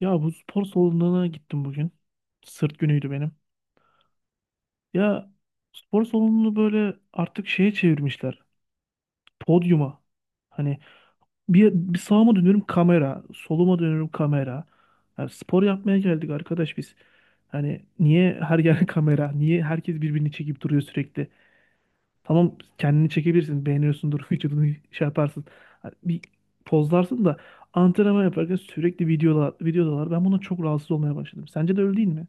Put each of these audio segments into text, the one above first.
Ya bu spor salonuna gittim bugün. Sırt günüydü benim. Ya spor salonunu böyle artık şeye çevirmişler. Podyuma. Hani bir sağıma dönüyorum kamera. Soluma dönüyorum kamera. Yani spor yapmaya geldik arkadaş biz. Hani niye her yer kamera? Niye herkes birbirini çekip duruyor sürekli? Tamam kendini çekebilirsin. Beğeniyorsundur. Vücudunu şey yaparsın. Hani bir pozlarsın da antrenman yaparken sürekli videodalar. Ben buna çok rahatsız olmaya başladım. Sence de öyle değil mi?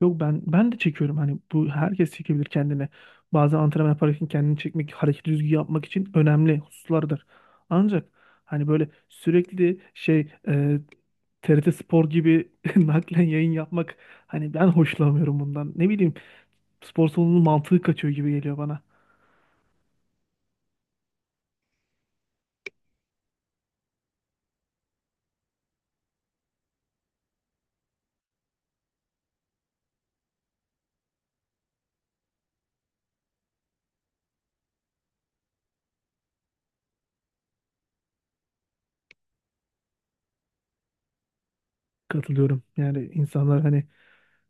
Yok ben de çekiyorum hani bu herkes çekebilir kendini. Bazen antrenman yaparken kendini çekmek, hareket düzgün yapmak için önemli hususlardır. Ancak hani böyle sürekli TRT Spor gibi naklen yayın yapmak hani ben hoşlanmıyorum bundan. Ne bileyim spor salonunun mantığı kaçıyor gibi geliyor bana. Katılıyorum. Yani insanlar hani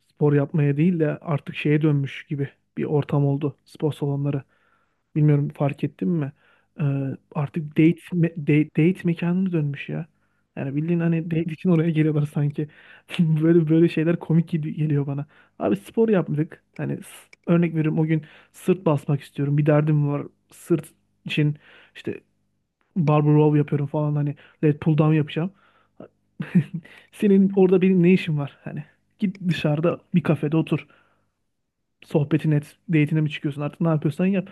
spor yapmaya değil de artık şeye dönmüş gibi bir ortam oldu spor salonları. Bilmiyorum fark ettin mi? Ee, Artık date, me- date date mekanına dönmüş ya. Yani bildiğin hani date için oraya geliyorlar sanki. Böyle böyle şeyler komik gibi geliyor bana. Abi spor yapmadık. Hani örnek veriyorum o gün sırt basmak istiyorum. Bir derdim var. Sırt için işte barbell row yapıyorum falan hani lat pull down yapacağım. Senin orada benim ne işim var? Hani git dışarıda bir kafede otur. Sohbetin et date'ine mi çıkıyorsun artık ne yapıyorsan yap.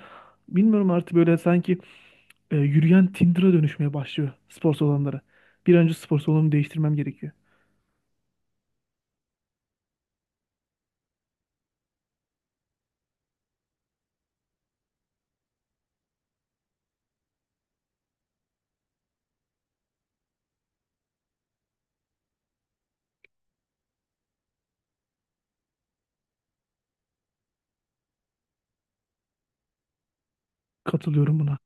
Bilmiyorum artık böyle sanki yürüyen Tinder'a dönüşmeye başlıyor spor salonları. Bir an önce spor salonumu değiştirmem gerekiyor. Katılıyorum buna.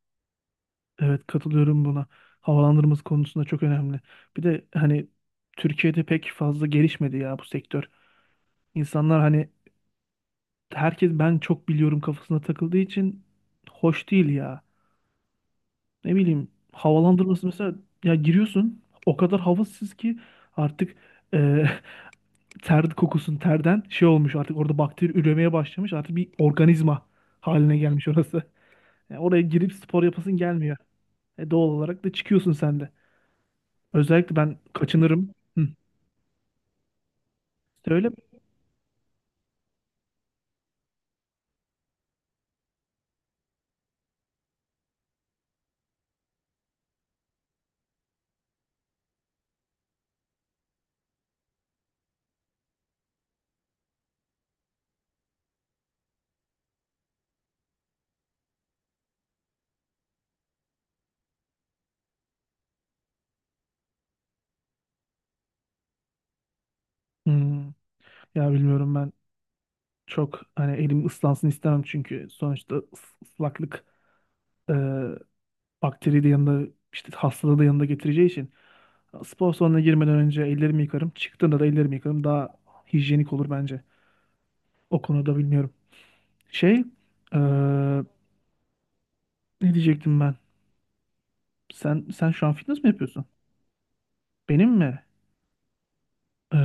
Evet katılıyorum buna. Havalandırması konusunda çok önemli. Bir de hani Türkiye'de pek fazla gelişmedi ya bu sektör. İnsanlar hani herkes ben çok biliyorum kafasına takıldığı için hoş değil ya. Ne bileyim havalandırması mesela ya giriyorsun o kadar havasız ki artık e, ter kokusun terden şey olmuş artık orada bakteri üremeye başlamış artık bir organizma haline gelmiş orası. Yani oraya girip spor yapasın gelmiyor. Doğal olarak da çıkıyorsun sen de. Özellikle ben kaçınırım. Hı. Söyle. Hmm. Ya bilmiyorum ben çok hani elim ıslansın istemem, çünkü sonuçta ıslaklık e, bakteriyi de yanında işte hastalığı da yanında getireceği için spor salonuna girmeden önce ellerimi yıkarım. Çıktığımda da ellerimi yıkarım. Daha hijyenik olur bence. O konuda bilmiyorum. Şey e, Ne diyecektim ben? Sen şu an fitness mi yapıyorsun? Benim mi? E,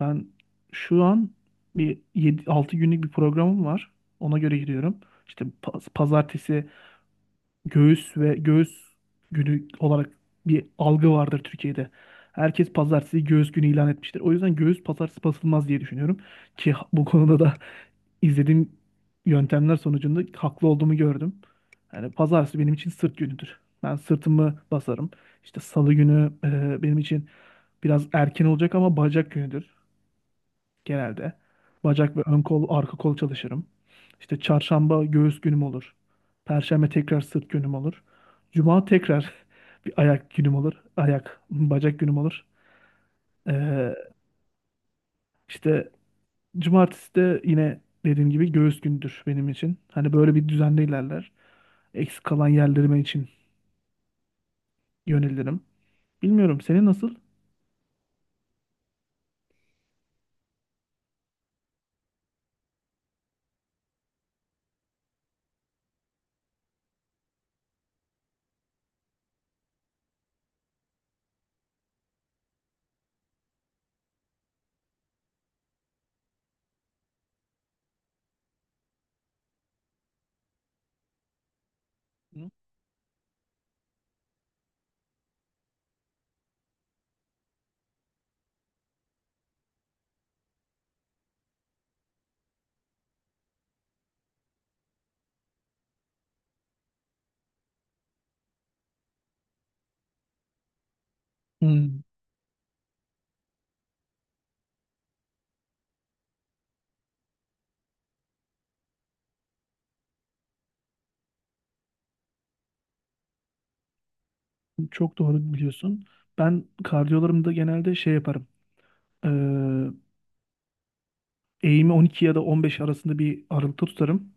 Ben şu an bir 7, 6 günlük bir programım var. Ona göre gidiyorum. İşte pazartesi göğüs ve göğüs günü olarak bir algı vardır Türkiye'de. Herkes pazartesi göğüs günü ilan etmiştir. O yüzden göğüs pazartesi basılmaz diye düşünüyorum. Ki bu konuda da izlediğim yöntemler sonucunda haklı olduğumu gördüm. Yani pazartesi benim için sırt günüdür. Ben sırtımı basarım. İşte salı günü benim için biraz erken olacak ama bacak günüdür genelde. Bacak ve ön kol, arka kol çalışırım. İşte çarşamba göğüs günüm olur. Perşembe tekrar sırt günüm olur. Cuma tekrar bir ayak günüm olur. Ayak, bacak günüm olur. Ee, işte cumartesi de yine dediğim gibi göğüs gündür benim için. Hani böyle bir düzende ilerler. Eksik kalan yerlerime için yönelirim. Bilmiyorum senin nasıl? Hmm, Çok doğru biliyorsun. Ben kardiyolarımda genelde şey yaparım. Eğimi 12 ya da 15 arasında bir aralıkta tutarım.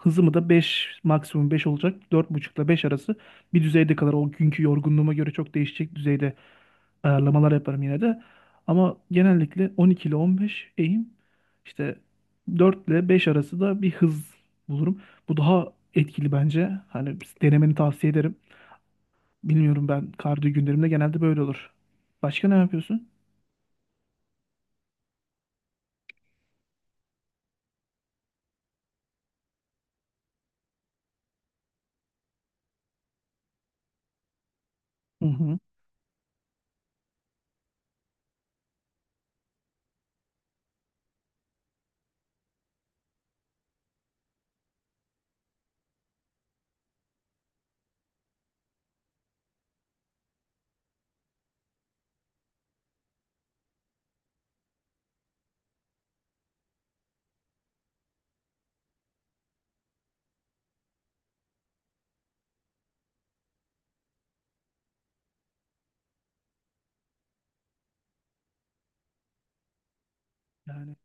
Hızımı da 5 maksimum 5 olacak. 4,5 ile 5 arası bir düzeyde kadar o günkü yorgunluğuma göre çok değişecek düzeyde ayarlamalar yaparım yine de. Ama genellikle 12 ile 15 eğim işte 4 ile 5 arası da bir hız bulurum. Bu daha etkili bence. Hani denemeni tavsiye ederim. Bilmiyorum, ben kardiyo günlerimde genelde böyle olur. Başka ne yapıyorsun? Hı hı. Yani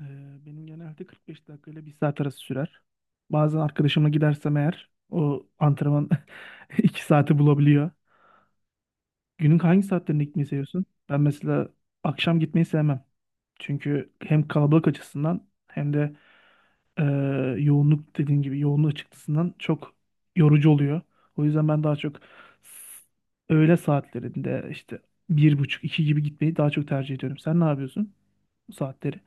Ee, benim genelde 45 dakika ile bir saat arası sürer. Bazen arkadaşımla gidersem eğer o antrenman 2 saati bulabiliyor. Günün hangi saatlerinde gitmeyi seviyorsun? Ben mesela akşam gitmeyi sevmem. Çünkü hem kalabalık açısından hem de e, yoğunluk dediğin gibi yoğunluk çıktısından çok yorucu oluyor. O yüzden ben daha çok s- öğle saatlerinde işte bir buçuk iki gibi gitmeyi daha çok tercih ediyorum. Sen ne yapıyorsun bu saatleri?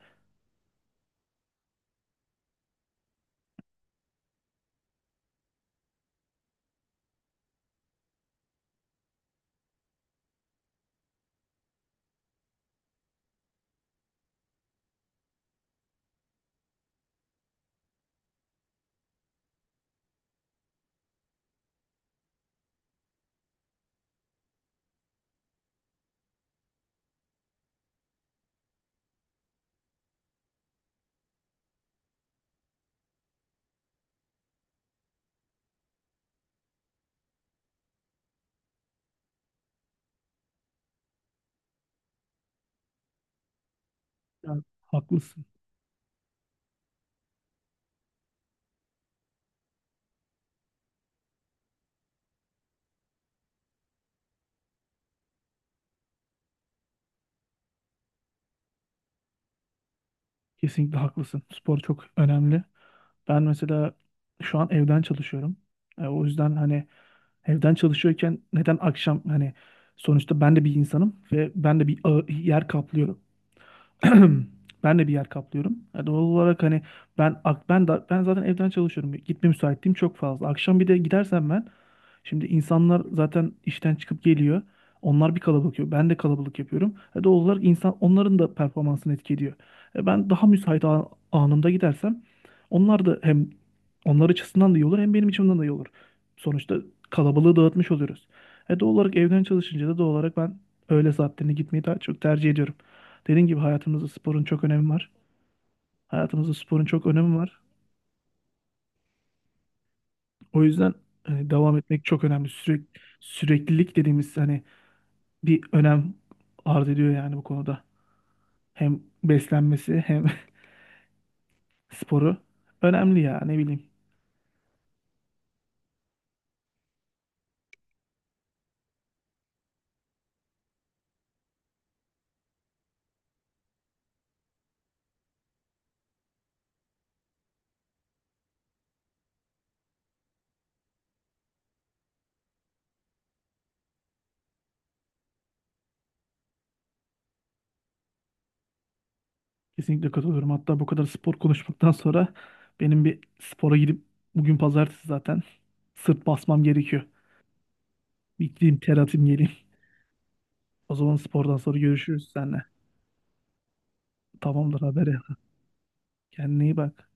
Yani haklısın. Kesinlikle haklısın. Spor çok önemli. Ben mesela şu an evden çalışıyorum. O yüzden hani evden çalışıyorken neden akşam hani sonuçta ben de bir insanım ve ben de bir yer kaplıyorum. Ben de bir yer kaplıyorum. Yani doğal olarak hani ben ak- ben da, ben zaten evden çalışıyorum. Gitme müsaitliğim çok fazla. Akşam bir de gidersem ben şimdi insanlar zaten işten çıkıp geliyor. Onlar bir kalabalık yapıyor. Ben de kalabalık yapıyorum. Doğal olarak insan onların da performansını etkiliyor. Ben daha müsait anımda gidersem onlar da hem onlar açısından da iyi olur hem benim açımdan da iyi olur. Sonuçta kalabalığı dağıtmış oluyoruz. Doğal olarak evden çalışınca da doğal olarak ben öğle saatlerine gitmeyi daha çok tercih ediyorum. Dediğim gibi hayatımızda sporun çok önemi var. Hayatımızda sporun çok önemi var. O yüzden hani devam etmek çok önemli. Süreklilik dediğimiz hani bir önem arz ediyor yani bu konuda. Hem beslenmesi hem sporu önemli ya ne bileyim. Kesinlikle katılıyorum. Hatta bu kadar spor konuşmaktan sonra benim bir spora gidip bugün pazartesi zaten sırt basmam gerekiyor. Bir gideyim ter atayım geleyim. O zaman spordan sonra görüşürüz seninle. Tamamdır haber ya. Kendine iyi bak.